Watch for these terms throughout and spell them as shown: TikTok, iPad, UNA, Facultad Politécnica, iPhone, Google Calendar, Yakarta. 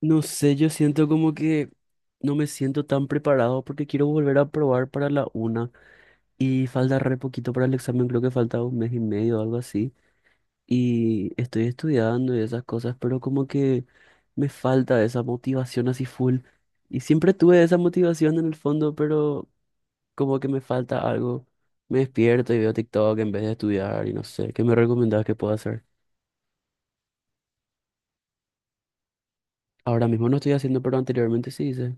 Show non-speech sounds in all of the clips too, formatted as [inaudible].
No sé, yo siento como que no me siento tan preparado porque quiero volver a probar para la una y falta re poquito para el examen, creo que falta 1 mes y medio o algo así. Y estoy estudiando y esas cosas, pero como que me falta esa motivación así full. Y siempre tuve esa motivación en el fondo, pero como que me falta algo. Me despierto y veo TikTok en vez de estudiar y no sé, ¿qué me recomendás que pueda hacer? Ahora mismo no estoy haciendo, pero anteriormente sí hice.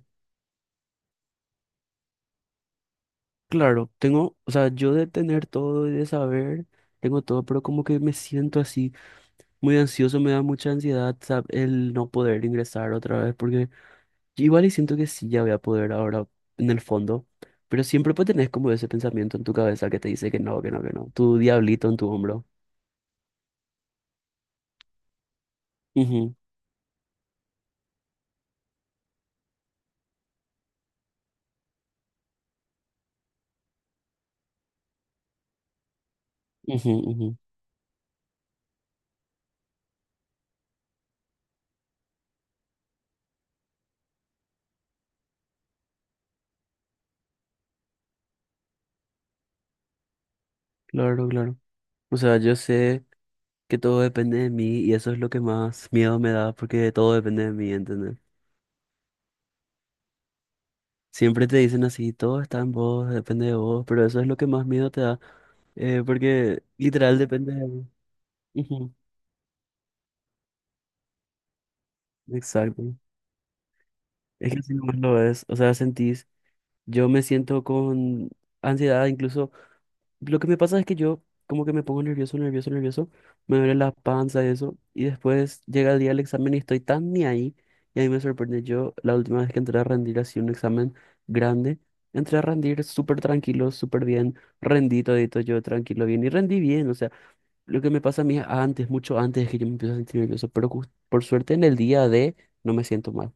Claro, tengo, o sea, yo de tener todo y de saber, tengo todo, pero como que me siento así muy ansioso, me da mucha ansiedad, el no poder ingresar otra vez, porque yo igual y siento que sí ya voy a poder ahora en el fondo, pero siempre pues tenés como ese pensamiento en tu cabeza que te dice que no, que no, que no, tu diablito en tu hombro. Ujú, ujú, ujú. Claro, claro. O sea, yo sé que todo depende de mí y eso es lo que más miedo me da, porque todo depende de mí. Siempre te dicen así, todo está en vos, depende de vos, pero eso es lo que más miedo te da, porque literal depende de vos. Ujú. Exacto. Es que así nomás lo es, o sea, sentís, yo me siento con ansiedad incluso. Lo que me pasa es que yo como que me pongo nervioso, nervioso, nervioso, me duele la panza y eso, y después llega el día del examen y estoy tan ni ahí, y a mí me sorprende, yo la última vez que entré a rendir así un examen grande, entré a rendir súper tranquilo, súper bien, rendí todito yo tranquilo, bien, y rendí bien, o sea, lo que me pasa a mí antes, mucho antes es que yo me empiezo a sentir nervioso, pero por suerte en el día de no me siento mal.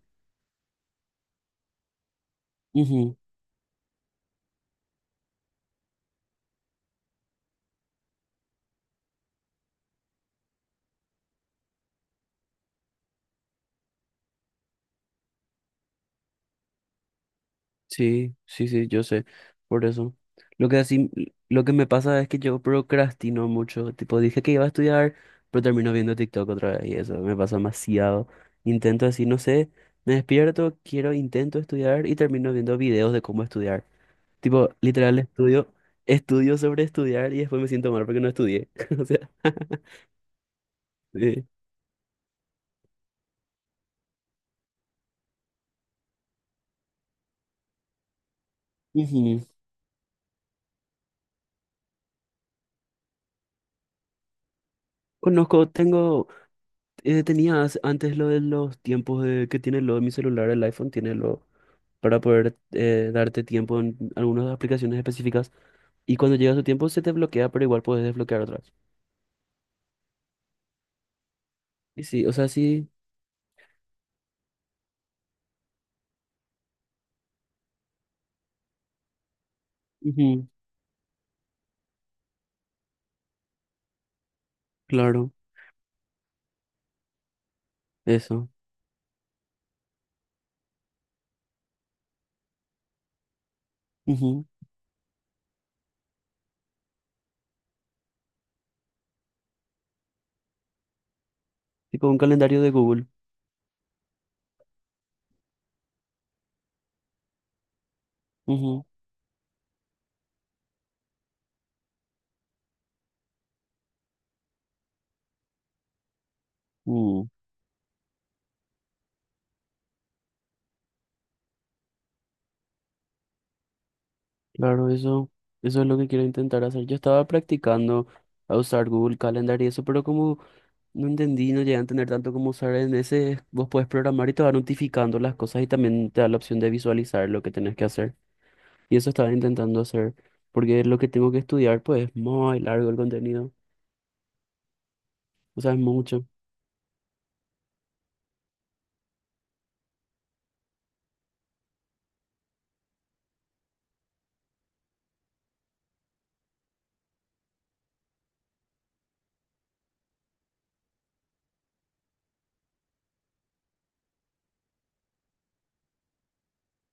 Sí, sí, sí, yo sé, por eso. Lo que así, lo que me pasa es que yo procrastino mucho, tipo dije que iba a estudiar, pero termino viendo TikTok otra vez y eso me pasa demasiado. Intento así, no sé, me despierto, quiero, intento estudiar y termino viendo videos de cómo estudiar. Tipo, literal estudio, estudio sobre estudiar y después me siento mal porque no estudié. [laughs] O sea, [laughs] sí. Ujú. Conozco, tengo, tenía antes lo de los tiempos de, que tiene lo de mi celular, el iPhone tiene lo para poder darte tiempo en algunas aplicaciones específicas. Y cuando llega su tiempo se te bloquea, pero igual puedes desbloquear otras. Y sí, o sea, sí. Ujú, claro, eso. Ujú. Tipo un calendario de Google. Ujú, mm, claro, eso es lo que quiero intentar hacer. Yo estaba practicando a usar Google Calendar y eso, pero como no entendí, no llegué a entender tanto cómo usar en ese, vos puedes programar y te va notificando las cosas y también te da la opción de visualizar lo que tenés que hacer. Y eso estaba intentando hacer, porque lo que tengo que estudiar, pues es muy largo el contenido, o sea, es mucho.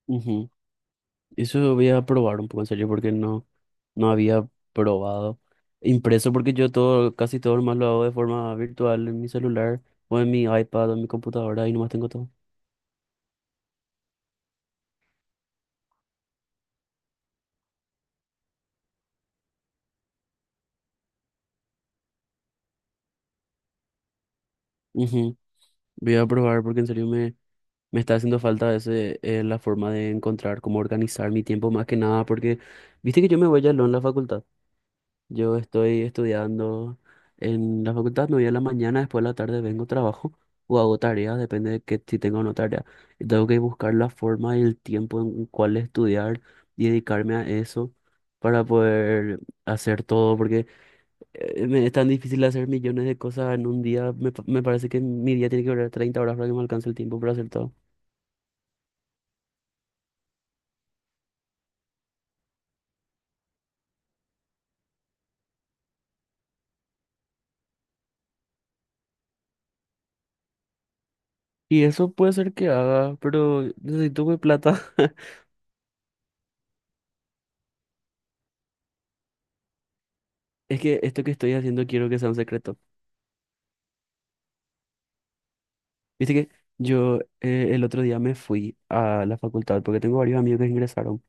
Ujú. Eso voy a probar un poco en serio, porque no, no había probado impreso, porque yo todo, casi todo más lo hago de forma virtual en mi celular, o en mi iPad, o en mi computadora, y nomás tengo todo. Ujú. Voy a probar, porque en serio me, me está haciendo falta ese, la forma de encontrar cómo organizar mi tiempo más que nada, porque viste que yo me voy ya en la facultad. Yo estoy estudiando en la facultad, me voy a la mañana, después de la tarde vengo, trabajo o hago tareas, depende de que, si tengo o no tarea. Y tengo que buscar la forma y el tiempo en cuál estudiar y dedicarme a eso para poder hacer todo, porque me es tan difícil hacer millones de cosas en un día. Me, me parece que mi día tiene que durar 30 horas para que me alcance el tiempo para hacer todo. Y eso puede ser que haga, pero necesito mi plata. [laughs] Es que esto que estoy haciendo quiero que sea un secreto. Viste que yo el otro día me fui a la facultad porque tengo varios amigos que ingresaron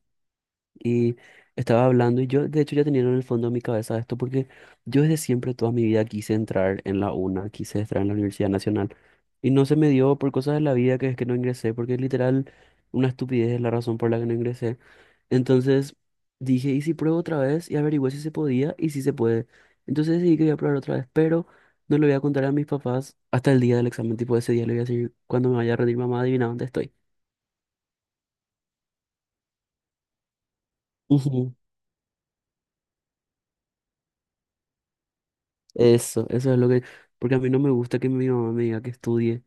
y estaba hablando y yo de hecho ya tenía en el fondo de mi cabeza esto porque yo desde siempre toda mi vida quise entrar en la UNA, quise entrar en la Universidad Nacional y no se me dio por cosas de la vida que es que no ingresé porque literal una estupidez es la razón por la que no ingresé. Entonces dije, ¿y si pruebo otra vez? Y averigüé si se podía y si se puede. Entonces decidí que voy a probar otra vez, pero no le voy a contar a mis papás hasta el día del examen. Tipo, ese día le voy a decir, cuando me vaya a rendir, mamá, adivina dónde estoy. Ujú. Eso es lo que... Porque a mí no me gusta que mi mamá me diga que estudie.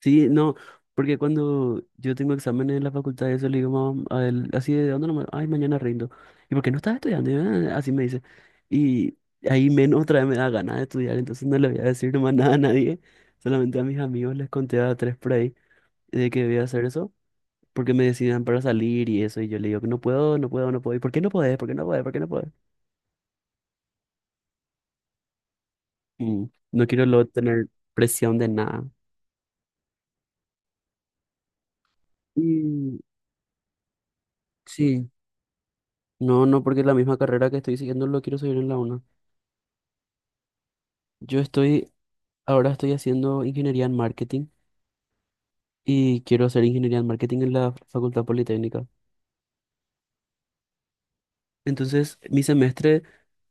Sí, no, porque cuando yo tengo exámenes en la facultad, eso le digo a él, así de dónde nomás, ay, mañana rindo. ¿Y por qué no estás estudiando? Y, "Ah", así me dice. Y ahí menos otra vez me da ganas de estudiar, entonces no le voy a decir [laughs] nomás nada a nadie, solamente a mis amigos les conté a 3 por ahí de que voy a hacer eso, porque me decían para salir y eso, y yo le digo que no puedo, no puedo, no puedo. ¿Y por qué no podés? ¿Por qué no podés? ¿Por qué no podés? Mm, no quiero luego tener presión de nada. Y sí, no, no, porque la misma carrera que estoy siguiendo lo quiero seguir en la una. Yo estoy, ahora estoy haciendo ingeniería en marketing y quiero hacer ingeniería en marketing en la Facultad Politécnica. Entonces, mi semestre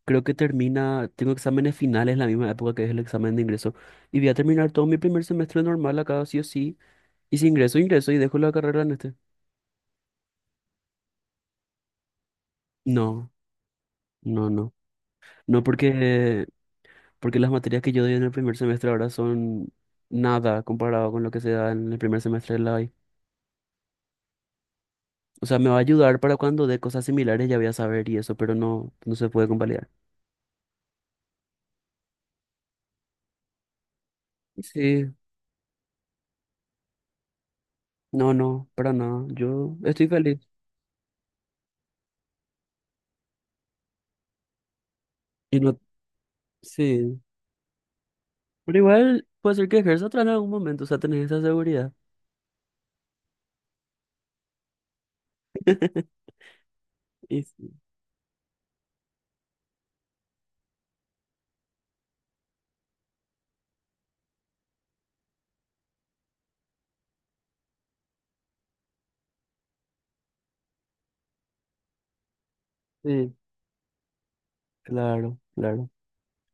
creo que termina, tengo exámenes finales en la misma época que es el examen de ingreso y voy a terminar todo mi primer semestre normal acá, sí o sí. Y si ingreso, ingreso y dejo la carrera en este. No, no, no. No porque, porque las materias que yo doy en el primer semestre ahora son nada comparado con lo que se da en el primer semestre de la I. O sea, me va a ayudar para cuando dé cosas similares ya voy a saber y eso, pero no, no se puede convalidar. Sí, no, no, para nada. Yo estoy feliz. Y no, sí. Pero igual puede ser que ejerza otra en algún momento, o sea, tenés esa seguridad. [laughs] Y sí, sí, claro, claro.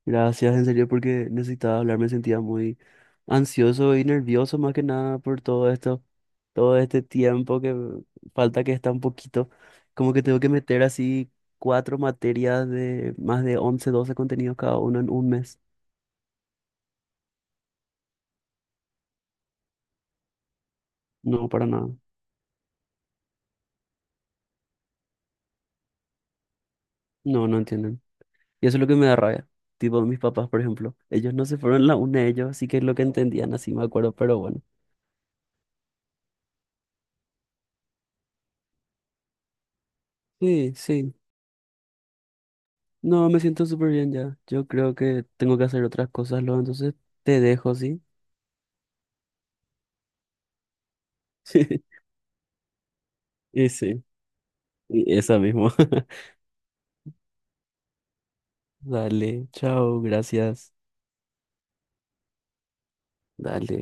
Gracias, en serio, porque necesitaba hablar, me sentía muy ansioso y nervioso más que nada por todo esto, todo este tiempo que falta que está un poquito, como que tengo que meter así 4 materias de más de 11 12 contenidos cada uno en 1 mes. No, para nada. No, no entienden. Y eso es lo que me da rabia. Tipo mis papás, por ejemplo. Ellos no se fueron la una de ellos, así que es lo que entendían, así me acuerdo, pero bueno. Sí, sí. No, me siento súper bien ya. Yo creo que tengo que hacer otras cosas luego, entonces te dejo, ¿sí? [laughs] Y sí, y esa mismo. [laughs] Dale, chao, gracias. Dale.